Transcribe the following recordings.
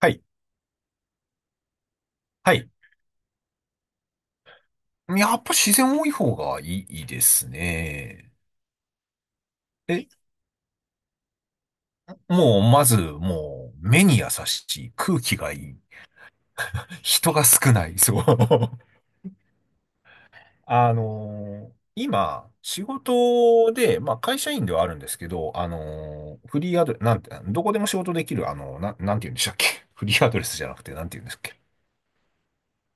はい。はい。やっぱ自然多い方がいいですね。え、もう、まず、目に優しい、空気がいい、人が少ない、そう。今、仕事で、まあ、会社員ではあるんですけど、フリーアドレス、なんて、どこでも仕事できる、なんて言うんでしたっけ。 フリーアドレスじゃなくて、なんて言うんですっ。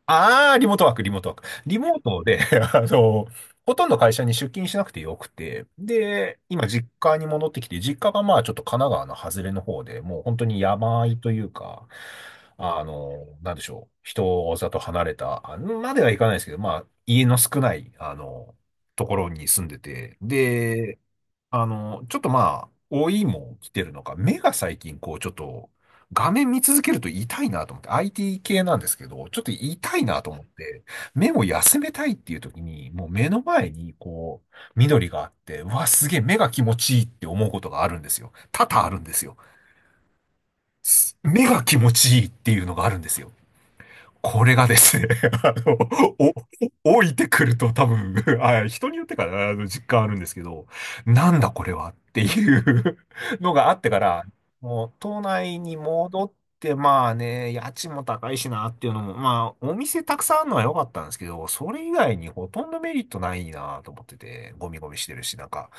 ああ、リモートワーク、リモートワーク。リモートで、あの、ほとんど会社に出勤しなくてよくて、で、今実家に戻ってきて、実家がまあちょっと神奈川の外れの方で、もう本当に山あいというか、なんでしょう、人里離れた、あまではいかないですけど、まあ家の少ない、ところに住んでて、で、ちょっとまあ、老いも来てるのか、目が最近こう、ちょっと、画面見続けると痛いなと思って、IT 系なんですけど、ちょっと痛いなと思って、目を休めたいっていう時に、もう目の前にこう、緑があって、うわ、すげえ目が気持ちいいって思うことがあるんですよ。多々あるんですよ。目が気持ちいいっていうのがあるんですよ。これがですね、あの、置いてくると多分、あ、人によってかな、あの実感あるんですけど、なんだこれはっていう のがあってから、もう都内に戻って、まあね、家賃も高いしなっていうのも、まあお店たくさんあるのは良かったんですけど、それ以外にほとんどメリットないなと思ってて、ゴミゴミしてるし、なんか、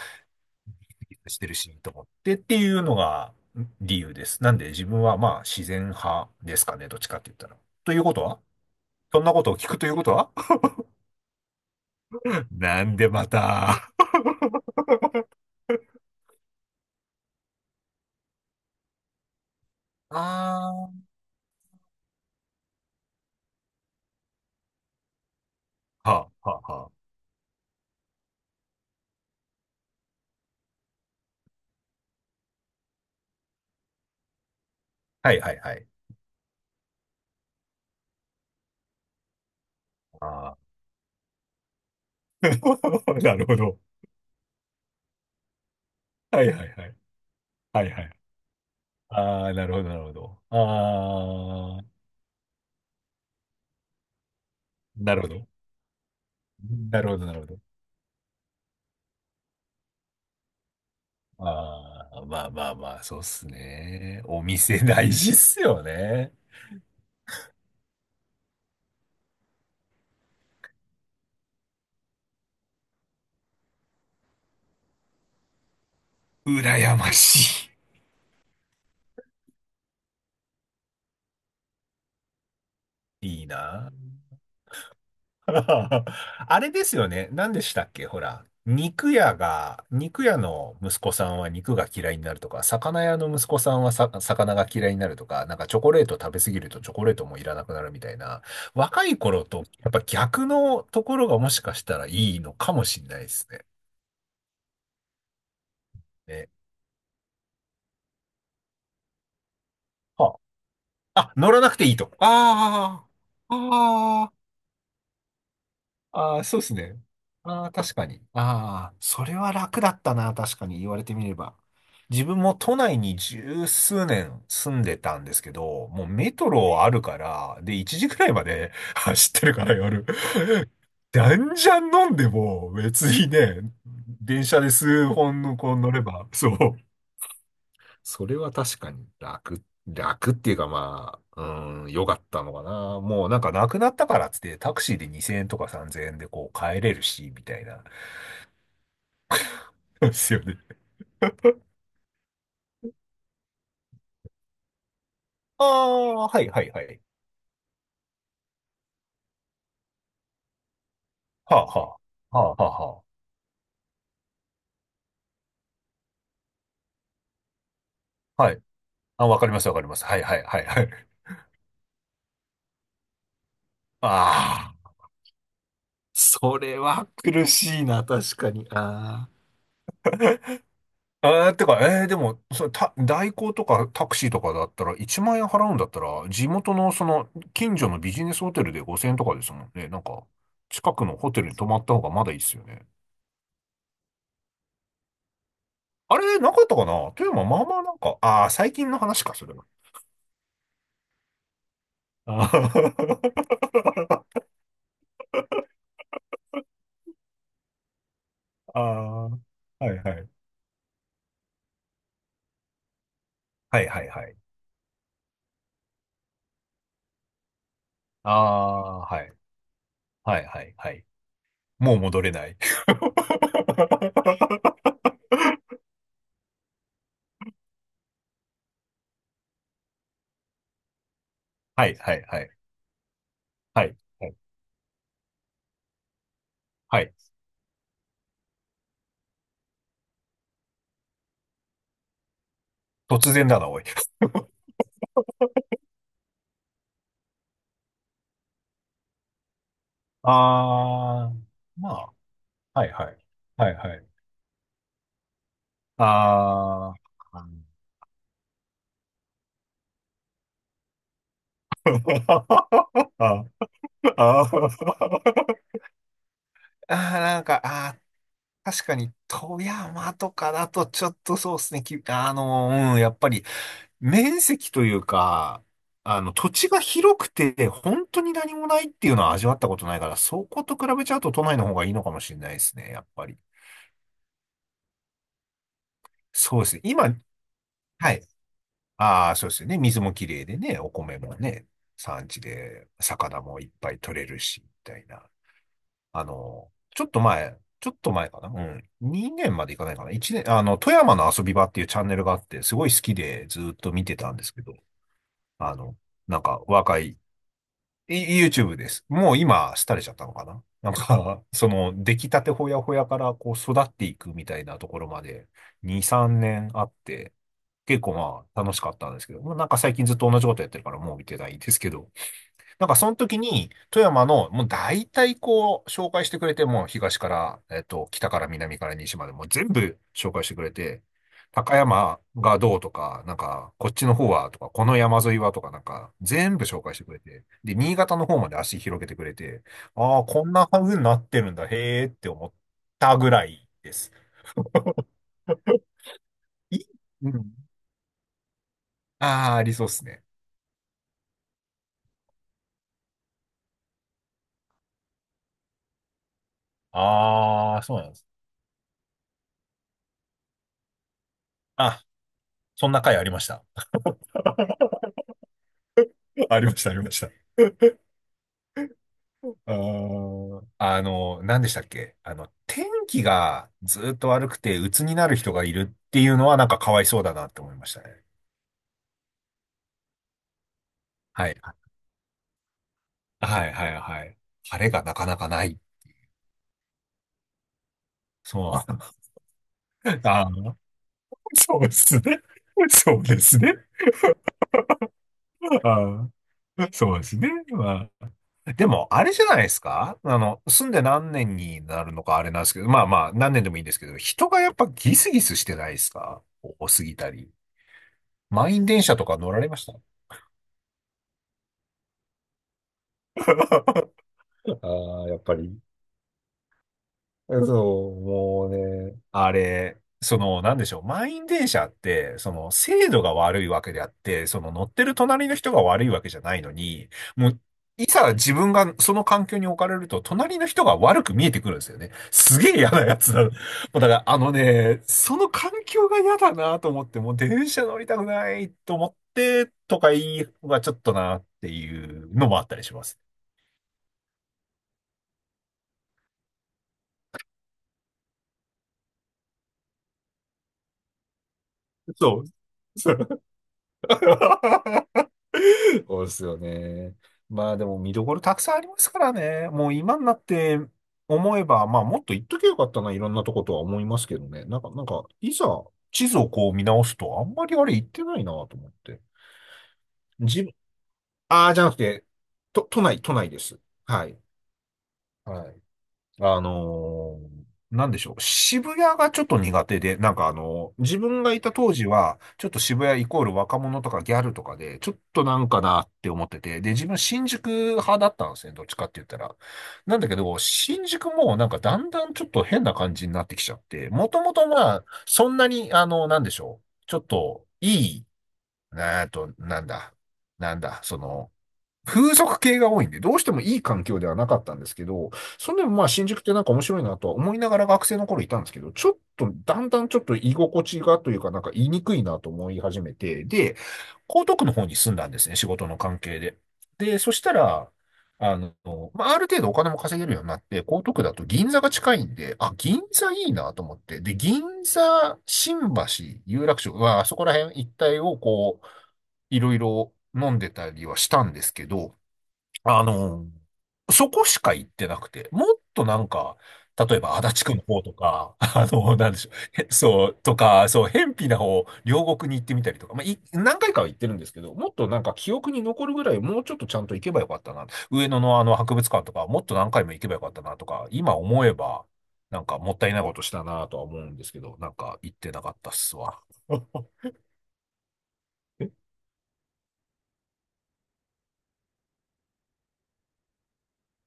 してるし、と思ってっていうのが理由です。なんで自分はまあ自然派ですかね、どっちかって言ったら。ということはそんなことを聞くということは。 なんでまた。ああ、はあ、はあ、はあ。はいはいはい。ああ。なるほど。はいはいはい。はいはい。ああ、なるほど、なるほど。ああ、なるほど。なるほど、なるほど。ああ、まあまあまあ、そうっすね。お店大事っすよね。羨ましい。いいな。あれですよね。何でしたっけほら。肉屋が、肉屋の息子さんは肉が嫌いになるとか、魚屋の息子さんはさ、魚が嫌いになるとか、なんかチョコレート食べ過ぎるとチョコレートもいらなくなるみたいな、若い頃とやっぱ逆のところがもしかしたらいいのかもしれないですね。ね。はあ、あ乗らなくていいと。ああ、ああ。ああ、そうですね。ああ、確かに。ああ、それは楽だったな、確かに言われてみれば。自分も都内に十数年住んでたんですけど、もうメトロあるから、で、1時くらいまで 走ってるから夜。じゃんじゃん飲んでも別にね、電車で数本のこう乗れば、そう。それは確かに楽っていうかまあ、うん、良かったのかな。もうなんかなくなったからっつってタクシーで2000円とか3000円でこう帰れるし、みたいな。ですよね。ああ、はいはいはい。はあはあ。はあはあはあ。はい。あ、わかりますわかります。はいはいはいはい。ああ、それは苦しいな、確かに。ああ。てか、でも、それ、代行とかタクシーとかだったら、1万円払うんだったら、地元の、その、近所のビジネスホテルで5000円とかですもんね。なんか、近くのホテルに泊まった方がまだいいっすよね。あれ、なかったかな富山、まあまあなんか、ああ、最近の話か、それは。あー あー、はいはい。はいはいはい。ああ、はい。はいはいはい。もう戻れない。はいはいはい。はい。はい。はい。突然だな、おい。ああ、まあ、はいはい。はいはい。ああ、ああー、なんか、ああ、確かに、富山とかだとちょっとそうですね、うん、やっぱり、面積というか、土地が広くて、本当に何もないっていうのは味わったことないから、そこと比べちゃうと都内の方がいいのかもしれないですね、やっぱり。そうですね。今、はい。ああ、そうですよね。水もきれいでね、お米もね、産地で魚もいっぱい取れるし、みたいな。ちょっと前、ちょっと前かな。うん。2年までいかないかな。1年、富山の遊び場っていうチャンネルがあって、すごい好きでずっと見てたんですけど、あの、なんか若いい YouTube です。もう今、廃れちゃったのかななんか、その、出来たてほやほやから、こう、育っていくみたいなところまで、2、3年あって、結構まあ、楽しかったんですけど、まあなんか最近ずっと同じことやってるから、もう見てないんですけど、なんかその時に、富山の、もう大体こう、紹介してくれて、もう東から、北から南から西まで、もう全部紹介してくれて、高山がどうとか、なんか、こっちの方はとか、この山沿いはとか、なんか、全部紹介してくれて、で、新潟の方まで足広げてくれて、ああ、こんな風になってるんだ、へーって思ったぐらいです。いうん。ああ、ありそうっすね。ああ、そうなんです。あ、そんな回ありました。ありました、ありました。何でしたっけ天気がずっと悪くて鬱になる人がいるっていうのはなんかかわいそうだなって思いましたね。はい。はい、はい、はい。晴れがなかなかない。そう。あーそうですね。そうですね。あそうですね。まあでも、あれじゃないですか住んで何年になるのかあれなんですけど、まあまあ、何年でもいいんですけど、人がやっぱギスギスしてないですか？多すぎたり。満員電車とか乗られました？ ああ、やっぱり。そう、もうね、あれ、その、なんでしょう、満員電車って、その、精度が悪いわけであって、その、乗ってる隣の人が悪いわけじゃないのに、もう、いざ自分がその環境に置かれると、隣の人が悪く見えてくるんですよね。すげえ嫌なやつだ。もうだから、あのね、その環境が嫌だなと思って、もう電車乗りたくないと思って、とか言いはちょっとなっていうのもあったりします。そう。そうですよね。まあでも見どころたくさんありますからね。もう今になって思えば、まあもっと言っときゃよかったな、いろんなとことは思いますけどね。なんか、いざ地図をこう見直すと、あんまりあれ言ってないなと思って。自分、ああ、じゃなくて、都内です。はい。はい。あのーなんでしょう。渋谷がちょっと苦手で、なんか自分がいた当時は、ちょっと渋谷イコール若者とかギャルとかで、ちょっとなんかなって思ってて、で、自分新宿派だったんですね、どっちかって言ったら。なんだけど、新宿もなんかだんだんちょっと変な感じになってきちゃって、もともとまあ、そんなに、なんでしょう。ちょっと、い、えっと、なんだ、なんだ、その、風俗系が多いんで、どうしてもいい環境ではなかったんですけど、それでもまあ新宿ってなんか面白いなとは思いながら学生の頃いたんですけど、ちょっとだんだんちょっと居心地がというかなんか言いにくいなと思い始めて、で、江東区の方に住んだんですね、仕事の関係で。で、そしたら、あの、まあ、ある程度お金も稼げるようになって、江東区だと銀座が近いんで、あ、銀座いいなと思って、で、銀座、新橋、有楽町、まあ、そこら辺一帯をこう、いろいろ飲んでたりはしたんですけど、あの、そこしか行ってなくて、もっとなんか、例えば足立区の方とか、なんでしょう、へそう、とか、そう、辺鄙な方、両国に行ってみたりとか、まあ、何回かは行ってるんですけど、もっとなんか記憶に残るぐらい、もうちょっとちゃんと行けばよかったな。上野のあの博物館とか、もっと何回も行けばよかったなとか、今思えば、なんかもったいないことしたなとは思うんですけど、なんか行ってなかったっすわ。